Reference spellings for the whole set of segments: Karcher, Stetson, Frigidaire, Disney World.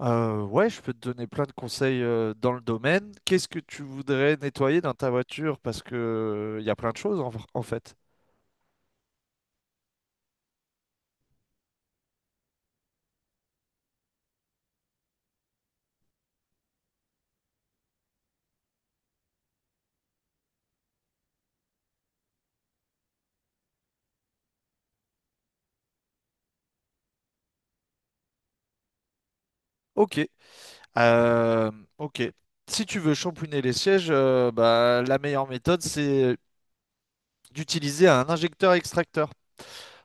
Ouais, je peux te donner plein de conseils dans le domaine. Qu'est-ce que tu voudrais nettoyer dans ta voiture? Parce que il y a plein de choses en fait. Ok. Euh, ok. Si tu veux shampouiner les sièges, bah, la meilleure méthode, c'est d'utiliser un injecteur-extracteur.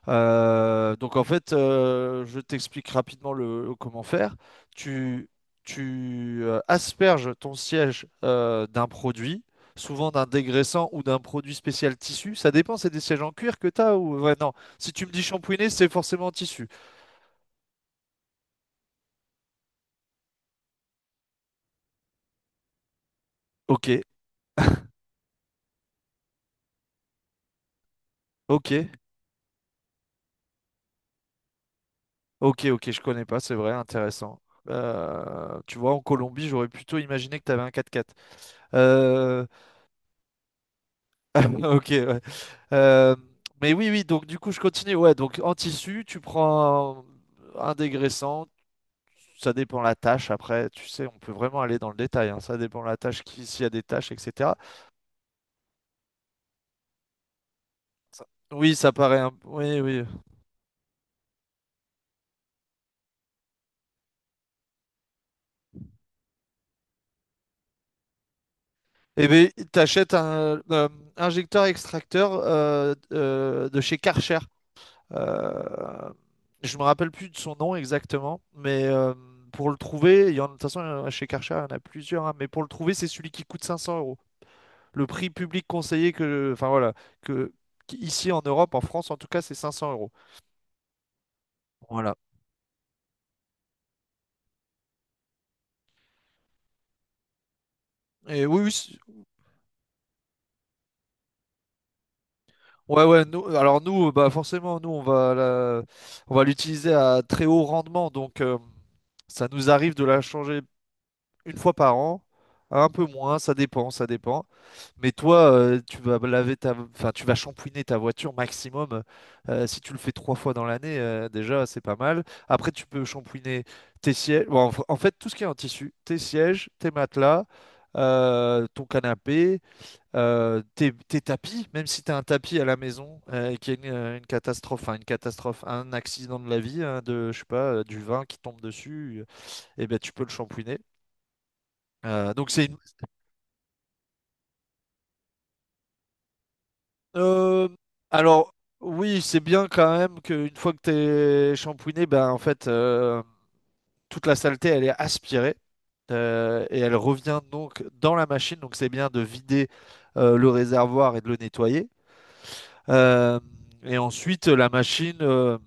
Donc en fait, je t'explique rapidement le, comment faire. Tu, tu asperges ton siège d'un produit, souvent d'un dégraissant ou d'un produit spécial tissu. Ça dépend, c'est des sièges en cuir que tu as ou... Ouais, non. Si tu me dis shampouiner, c'est forcément en tissu. Ok, ok, ok, je connais pas, c'est vrai, intéressant. Tu vois, en Colombie, j'aurais plutôt imaginé que tu avais un 4x4. Ok, ouais. Euh, mais oui, oui, donc du coup, je continue. Ouais, donc en tissu, tu prends un dégraissant, ça dépend la tâche. Après, tu sais, on peut vraiment aller dans le détail, hein, ça dépend la tâche, qui, s'il y a des tâches, etc. Ça- Oui, ça paraît un... Oui, oui. Eh bien, t'achètes un injecteur extracteur de chez Karcher. Euh, je me rappelle plus de son nom exactement, mais pour le trouver, de toute façon, chez Karcher, il y en a plusieurs, hein, mais pour le trouver, c'est celui qui coûte 500 euros. Le prix public conseillé que, enfin voilà, que ici en Europe, en France en tout cas, c'est 500 euros. Voilà. Et oui, oui, ouais, ouais. Nous, alors nous, bah forcément, nous on va la- on va l'utiliser à très haut rendement, donc ça nous arrive de la changer une fois par an, un peu moins, ça dépend, ça dépend. Mais toi, tu vas laver ta, enfin, tu vas shampouiner ta voiture maximum. Si tu le fais trois fois dans l'année, déjà, c'est pas mal. Après, tu peux shampouiner tes sièges. Bon, en fait, tout ce qui est en tissu, tes sièges, tes matelas, ton canapé, euh, tes tapis. Même si tu as un tapis à la maison et qu'il y a une catastrophe, enfin, une catastrophe, un accident de la vie, hein, de, je sais pas, du vin qui tombe dessus, et ben, tu peux le shampouiner. Euh, donc c'est une... Euh, alors oui, c'est bien quand même qu'une fois que t'es shampooiné, ben en fait toute la saleté elle est aspirée et elle revient donc dans la machine. Donc c'est bien de vider le réservoir et de le nettoyer. Euh, et ensuite la machine, euh,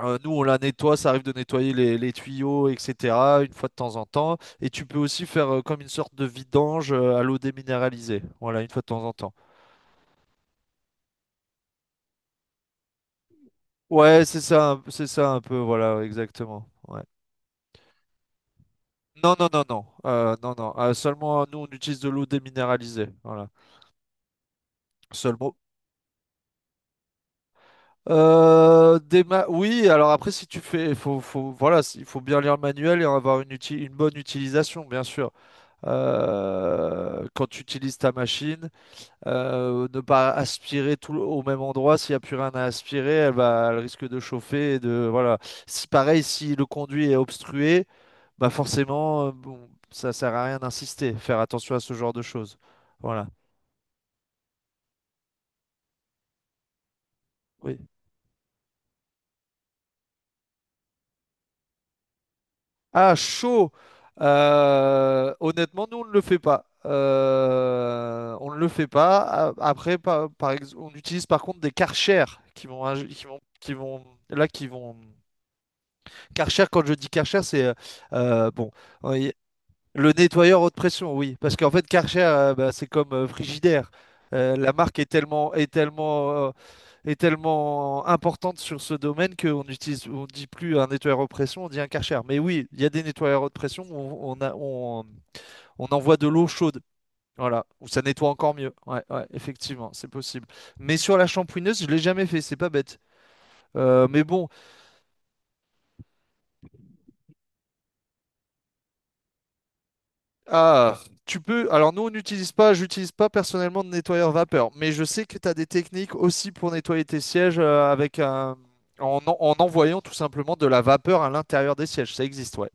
euh, nous on la nettoie, ça arrive de nettoyer les tuyaux, etc. Une fois de temps en temps. Et tu peux aussi faire comme une sorte de vidange à l'eau déminéralisée. Voilà, une fois de temps en temps. Ouais, c'est ça, c'est ça un peu, voilà, exactement. Ouais. Non, non. Seulement, nous, on utilise de l'eau déminéralisée, voilà. Seulement. Oui, alors après, si tu fais, voilà, il faut bien lire le manuel et avoir une bonne utilisation, bien sûr. Quand tu utilises ta machine. Ne pas aspirer au même endroit, s'il n'y a plus rien à aspirer, elle va, elle risque de chauffer et de, voilà. Si pareil, si le conduit est obstrué, bah forcément, bon, ça sert à rien d'insister, faire attention à ce genre de choses. Voilà. Oui. Ah, chaud! Honnêtement, nous, on ne le fait pas. On ne le fait pas. A- Après, par, par ex- On utilise par contre des Karcher qui vont, qui vont, là, qui vont Karcher, quand je dis Karcher, c'est bon, oui, le nettoyeur haute pression, oui, parce qu'en fait Karcher, bah, c'est comme Frigidaire. La marque est est tellement importante sur ce domaine qu'on utilise, on dit plus un nettoyeur haute pression, on dit un Karcher. Mais oui, il y a des nettoyeurs haute pression où on envoie de l'eau chaude. Voilà, où ça nettoie encore mieux. Ouais, ouais, effectivement, c'est possible. Mais sur la shampouineuse, je l'ai jamais fait, c'est pas bête. Euh, mais bon, Ah, tu peux. Alors nous, on n'utilise pas, j'utilise pas personnellement de nettoyeur vapeur, mais je sais que tu as des techniques aussi pour nettoyer tes sièges avec un... en envoyant tout simplement de la vapeur à l'intérieur des sièges. Ça existe, ouais.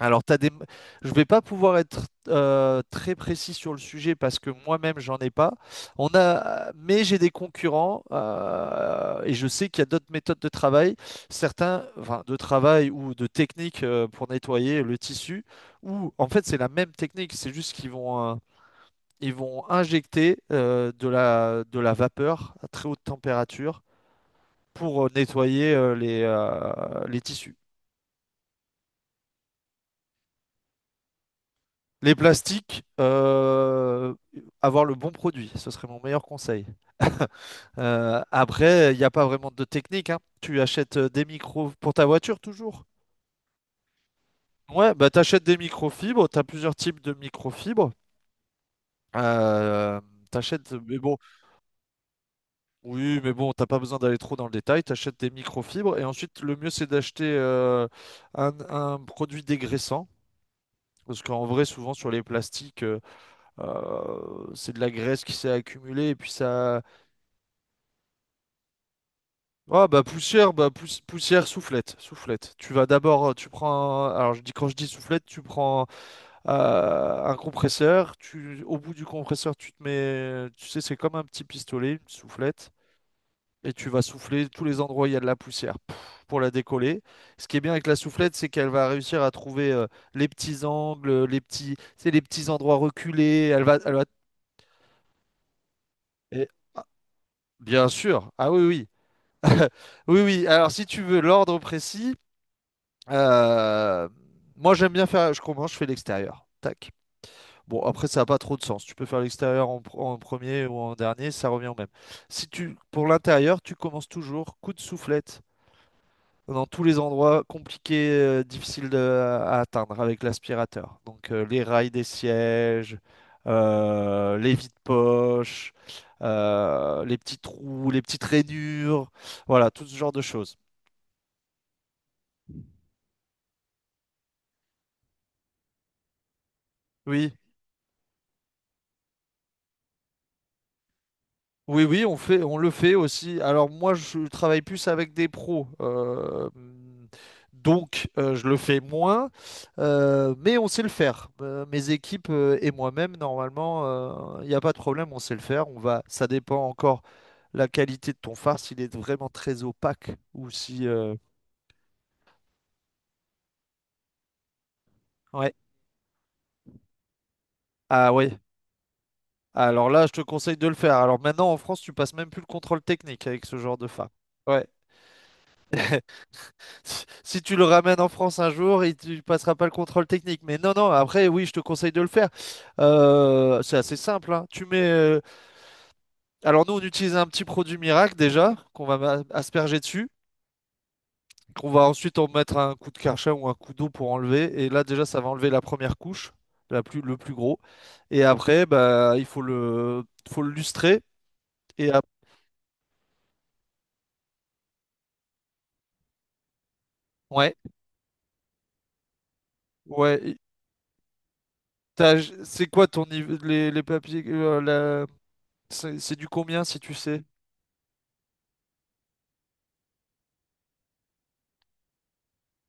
Alors, t'as des... je ne vais pas pouvoir être très précis sur le sujet parce que moi-même, j'en ai pas. Mais j'ai des concurrents et je sais qu'il y a d'autres méthodes de travail, certains enfin, de travail ou de techniques pour nettoyer le tissu, où en fait, c'est la même technique, c'est juste qu'ils vont, ils vont injecter de la vapeur à très haute température pour nettoyer les tissus. Les plastiques, avoir le bon produit, ce serait mon meilleur conseil. Après, il n'y a pas vraiment de technique, hein. Tu achètes des micros pour ta voiture toujours. Ouais, bah t'achètes des microfibres, t'as plusieurs types de microfibres. Euh, t'achètes, mais bon, oui, mais bon, t'as pas besoin d'aller trop dans le détail. T'achètes des microfibres et ensuite le mieux c'est d'acheter un produit dégraissant. Parce qu'en vrai, souvent sur les plastiques, c'est de la graisse qui s'est accumulée et puis ça, Ah bah poussière, poussière, soufflette, soufflette. Tu vas d'abord, alors je dis quand je dis soufflette, tu prends un compresseur, au bout du compresseur, tu te mets, tu sais, c'est comme un petit pistolet, une soufflette, et tu vas souffler tous les endroits où il y a de la poussière pouf, pour la décoller. Ce qui est bien avec la soufflette, c'est qu'elle va réussir à trouver les petits angles, les petits, tu sais, les petits endroits reculés. Et- ah, bien sûr, ah oui, oui. Oui, oui. Alors, si tu veux l'ordre précis: Euh, moi, j'aime bien faire. Je commence, je fais l'extérieur. Tac. Bon, après, ça n'a pas trop de sens. Tu peux faire l'extérieur en premier ou en dernier, ça revient au même. Si tu, pour l'intérieur, tu commences toujours coup de soufflette dans tous les endroits compliqués, difficiles à atteindre avec l'aspirateur. Donc, les rails des sièges, les vides-poches, les petits trous, les petites rainures, voilà, tout ce genre de choses. Oui. Oui, oui, on fait, on le fait aussi. Alors moi, je travaille plus avec des pros, donc je le fais moins, mais on sait le faire. Mes équipes et moi-même, normalement, il n'y a pas de problème, on sait le faire. On va, ça dépend encore la qualité de ton phare, s'il est vraiment très opaque ou si. Ouais. Ah oui. Alors là, je te conseille de le faire. Alors maintenant, en France, tu passes même plus le contrôle technique avec ce genre de phare. Ouais. Si tu le ramènes en France un jour, il ne passera pas le contrôle technique. Mais non, non, après, oui, je te conseille de le faire. C'est assez simple, hein. Alors nous, on utilise un petit produit miracle déjà, qu'on va asperger dessus, qu'on va ensuite en mettre un coup de karcher ou un coup d'eau pour enlever. Et là, déjà, ça va enlever la première couche, le plus gros. Et après, bah, faut le lustrer. Et ap- ouais, ouais. T'as- C'est quoi ton niveau, les papiers, c'est du combien si tu sais?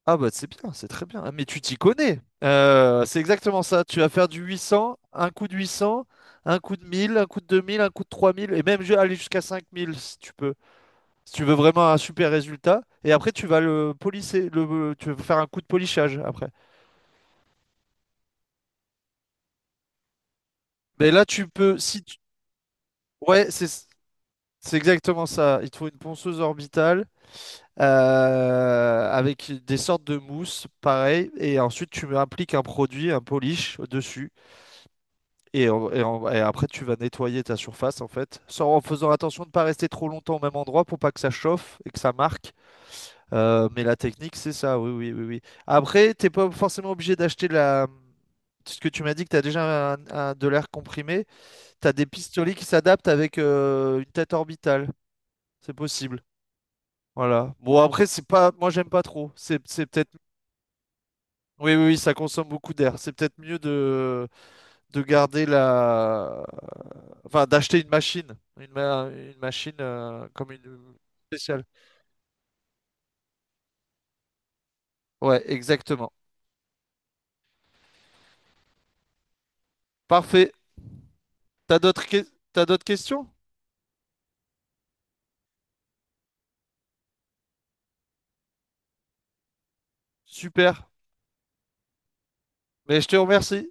Ah bah c'est bien, c'est très bien. Ah, mais tu t'y connais. C'est exactement ça. Tu vas faire du 800, un coup de 800, un coup de 1000, un coup de 2000, un coup de 3000 et même aller jusqu'à 5000 si tu peux. Si tu veux vraiment un super résultat. Et après tu vas le polisser, tu vas faire un coup de polissage après. Mais là tu peux, si tu- Ouais, c'est exactement ça. Il te faut une ponceuse orbitale avec des sortes de mousse, pareil. Et ensuite tu appliques un produit, un polish au-dessus. Et après, tu vas nettoyer ta surface en fait, sans, en faisant attention de ne pas rester trop longtemps au même endroit pour pas que ça chauffe et que ça marque. Mais la technique, c'est ça, oui, oui, oui, oui. Après, t'es pas forcément obligé d'acheter la... Ce que tu m'as dit que tu as déjà de l'air comprimé, tu as des pistolets qui s'adaptent avec une tête orbitale. C'est possible. Voilà. Bon, après, c'est pas... Moi, j'aime pas trop. C'est peut-être... Oui, oui, oui, ça consomme beaucoup d'air. C'est peut-être mieux de garder la... Enfin, d'acheter une machine. Une machine comme une spéciale. Ouais, exactement. Parfait. T'as d'autres que- T'as d'autres questions? Super. Mais je te remercie.